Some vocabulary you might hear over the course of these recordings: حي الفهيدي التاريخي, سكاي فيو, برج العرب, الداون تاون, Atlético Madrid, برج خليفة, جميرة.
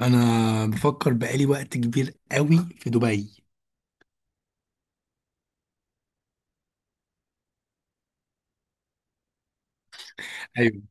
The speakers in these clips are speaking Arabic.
انا بفكر بقالي وقت كبير قوي في دبي. ايوه.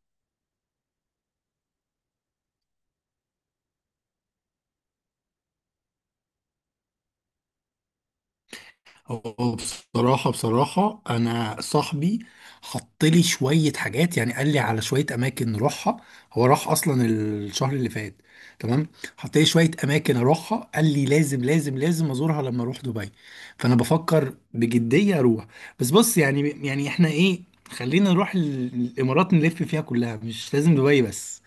هو بصراحة، أنا صاحبي حط لي شوية حاجات، يعني قال لي على شوية أماكن نروحها. هو راح أصلا الشهر اللي فات. تمام. حط لي شوية أماكن أروحها، قال لي لازم لازم لازم أزورها لما أروح دبي. فأنا بفكر بجدية أروح. بس بص، يعني إحنا إيه، خلينا نروح الإمارات نلف فيها كلها، مش لازم دبي بس.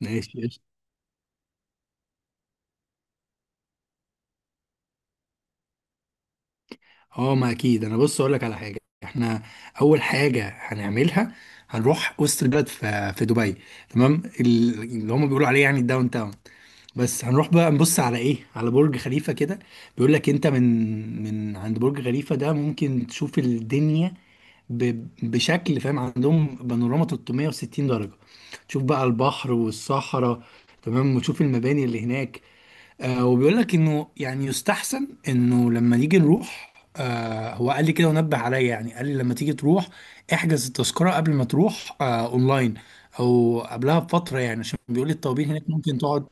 ماشي. اه، ما اكيد، انا بص اقول لك على حاجه. احنا اول حاجه هنعملها، هنروح وسط البلد في دبي. تمام، اللي هم بيقولوا عليه يعني الداون تاون. بس هنروح بقى نبص على ايه، على برج خليفه كده. بيقول لك، انت من عند برج خليفه ده ممكن تشوف الدنيا بشكل، فاهم؟ عندهم بانوراما 360 درجه. تشوف بقى البحر والصحراء. تمام، وتشوف المباني اللي هناك. وبيقول لك انه، يعني يستحسن انه لما نيجي نروح، هو قال لي كده ونبه عليا، يعني قال لي لما تيجي تروح احجز التذكرة قبل ما تروح اونلاين، او قبلها بفترة، يعني عشان بيقول لي الطوابير هناك ممكن تقعد.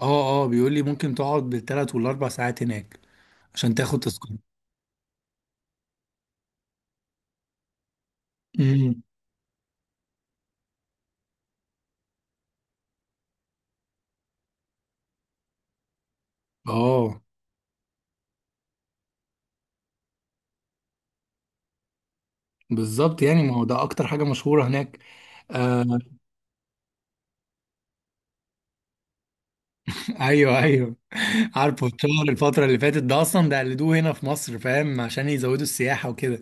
اه، اه، بيقول لي ممكن تقعد بالثلاث والاربع ساعات هناك عشان تاخد تذكرة. امم. اه. بالظبط، يعني ما هو ده اكتر حاجة مشهورة هناك. آه. ايوه، ايوه. عارفه الشهر، الفترة اللي فاتت ده، اصلا ده قلدوه هنا في مصر فاهم، عشان يزودوا السياحة وكده.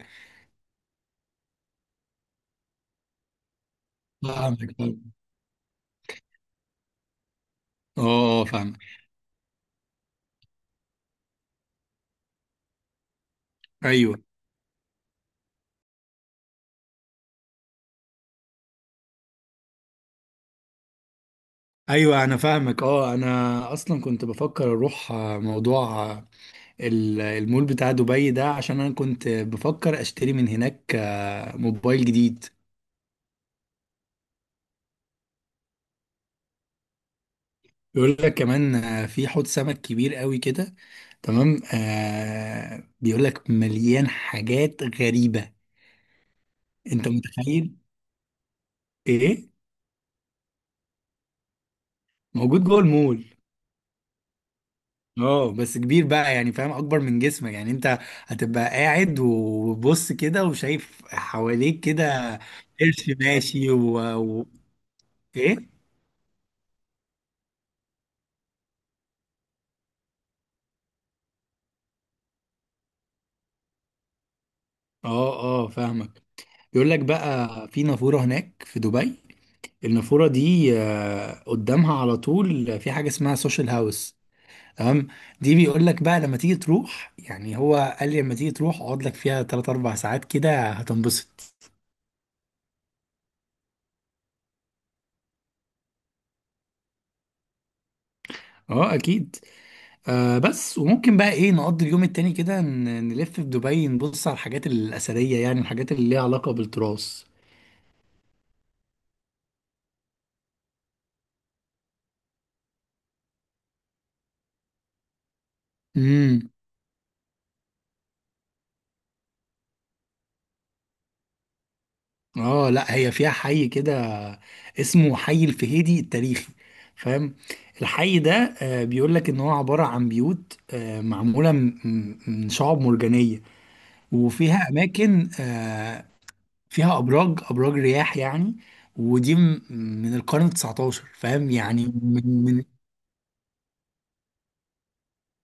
فاهمك فاهمك. اه. آه، فاهمك. ايوه، ايوه، انا فاهمك. اه، انا اصلا كنت بفكر اروح، موضوع، المول بتاع دبي ده، عشان انا كنت بفكر اشتري من هناك موبايل جديد. بيقول لك كمان، في حوض سمك كبير قوي كده. تمام، بيقول لك مليان حاجات غريبة. انت متخيل؟ ايه. موجود جوه المول. اه، بس كبير بقى، يعني فاهم، اكبر من جسمك يعني انت. هتبقى قاعد وبص كده وشايف حواليك كده. قرش ماشي. ايه اه، اه، فاهمك. بيقول لك بقى، في نافورة هناك في دبي. النافورة دي، قدامها على طول في حاجة اسمها سوشيال هاوس. تمام. دي بيقول لك بقى لما تيجي تروح، يعني هو قال لي لما تيجي تروح اقعد لك فيها 3 4 ساعات كده هتنبسط. اه، اكيد. بس، وممكن بقى ايه نقضي اليوم التاني كده، نلف في دبي، نبص على الحاجات الأثرية، يعني الحاجات اللي ليها علاقة بالتراث. امم. اه، لا، هي فيها حي كده اسمه حي الفهيدي التاريخي. فاهم. الحي ده، بيقول لك ان هو عبارة عن بيوت، معمولة من شعاب مرجانية. وفيها اماكن، فيها ابراج، ابراج رياح يعني. ودي من القرن 19، فاهم، يعني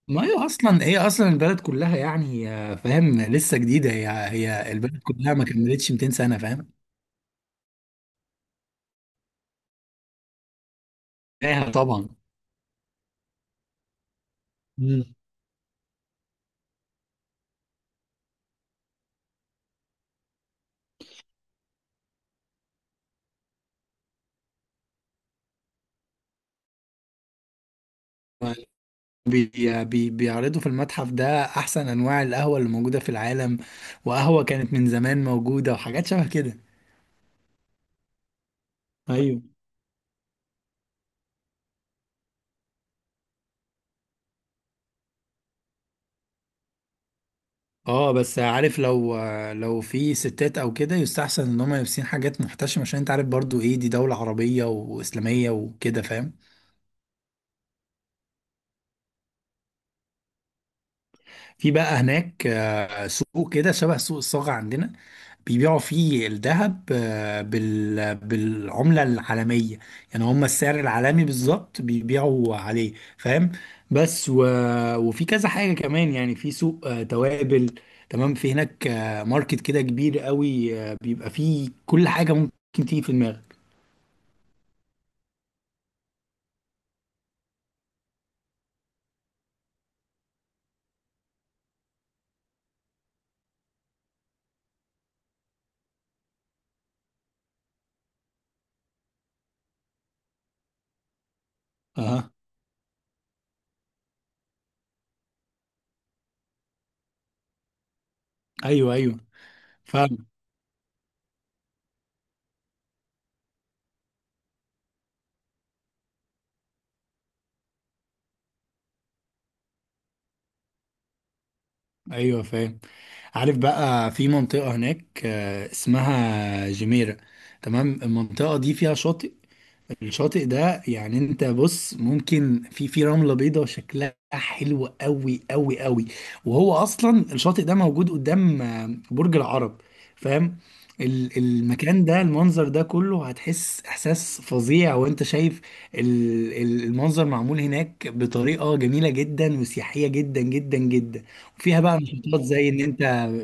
ما هي اصلا، هي اصلا البلد كلها يعني، فاهم لسه جديده، هي هي البلد كلها ما كملتش 200 سنه فاهم. ايه، طبعا. مم. بي بي بيعرضوا في المتحف ده احسن انواع القهوه اللي موجوده في العالم، وقهوه كانت من زمان موجوده وحاجات شبه كده. ايوه. اه، بس عارف، لو في ستات او كده يستحسن ان هم يلبسين حاجات محتشمه، عشان انت عارف برضو، ايه، دي دوله عربيه واسلاميه وكده فاهم. في بقى هناك، سوق كده شبه سوق الصاغة عندنا. بيبيعوا فيه الذهب، بالعملة العالمية. يعني هم السعر العالمي بالظبط بيبيعوا عليه، فاهم. بس. وفي كذا حاجة كمان، يعني في سوق توابل. تمام، في هناك ماركت كده كبير قوي، بيبقى فيه كل حاجة ممكن تيجي في دماغك. اها. ايوه، ايوه، فاهم. ايوه، فاهم. عارف بقى، في منطقة هناك اسمها جميرة. تمام، المنطقة دي فيها شاطئ. الشاطئ ده يعني انت بص ممكن، في رملة بيضاء شكلها حلو قوي قوي قوي. وهو اصلا الشاطئ ده موجود قدام برج العرب، فاهم. المكان ده، المنظر ده كله هتحس احساس فظيع وانت شايف المنظر معمول هناك بطريقة جميلة جدا وسياحية جدا جدا جدا. وفيها بقى نشاطات، زي ان انت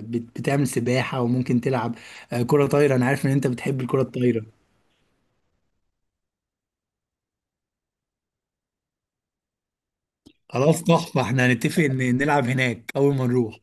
بتعمل سباحة وممكن تلعب كرة طايرة، انا عارف ان انت بتحب الكرة الطايرة. خلاص، تحفة، احنا هنتفق ان نلعب هناك اول ما نروح.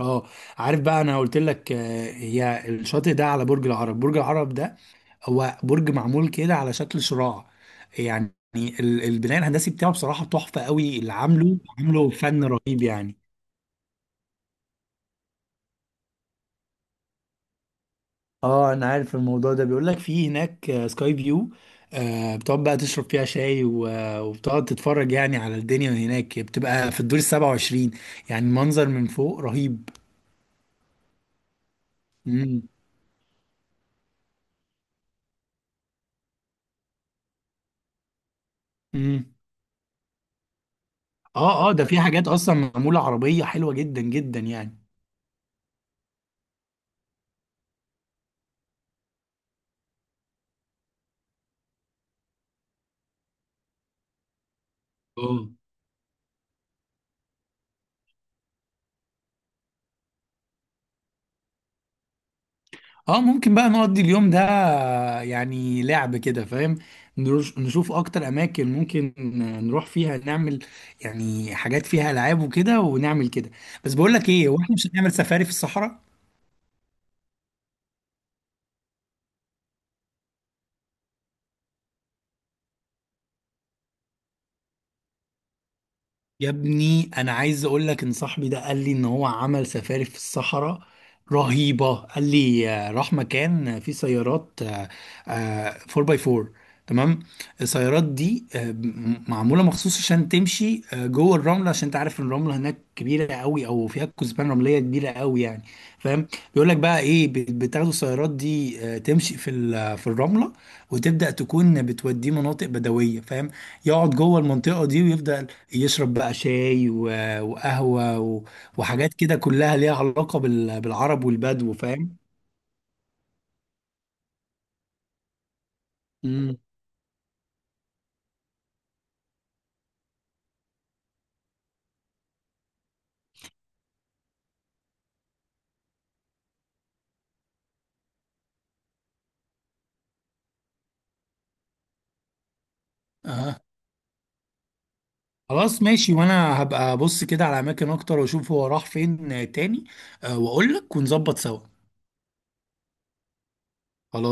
اه. عارف بقى، انا قلت لك هي الشاطئ ده على برج العرب. برج العرب ده هو برج معمول كده على شكل شراع. يعني البناء الهندسي بتاعه، بصراحة تحفة قوي، اللي عامله عامله فن رهيب يعني. اه، انا عارف الموضوع ده، بيقول لك في هناك سكاي فيو. بتقعد بقى تشرب فيها شاي، وبتقعد تتفرج يعني على الدنيا هناك، بتبقى في الدور 27، يعني المنظر من فوق رهيب. مم. مم. اه، اه، ده في حاجات اصلا معموله عربيه حلوه جدا جدا يعني. اه، اه، ممكن بقى نقضي اليوم ده، يعني لعب كده فاهم، نشوف اكتر اماكن ممكن نروح فيها، نعمل يعني حاجات فيها العاب وكده ونعمل كده. بس بقول لك ايه، هو احنا مش هنعمل سفاري في الصحراء؟ يا ابني، انا عايز اقول لك ان صاحبي ده قال لي ان هو عمل سفاري في الصحراء رهيبة. قال لي راح مكان فيه سيارات 4 باي 4. تمام. السيارات دي معمولة مخصوص عشان تمشي جوه الرملة، عشان انت عارف إن الرملة هناك كبيرة قوي، او فيها كثبان رملية كبيرة قوي يعني، فاهم. بيقول لك بقى ايه، بتاخدوا السيارات دي تمشي في في الرملة، وتبدأ تكون بتوديه مناطق بدوية، فاهم. يقعد جوه المنطقة دي ويبدأ يشرب بقى شاي وقهوة وحاجات كده كلها ليها علاقة بالعرب والبدو، فاهم. امم. اه. خلاص ماشي، وانا هبقى ابص كده على اماكن اكتر، واشوف هو راح فين تاني، واقول لك ونظبط سوا. خلاص.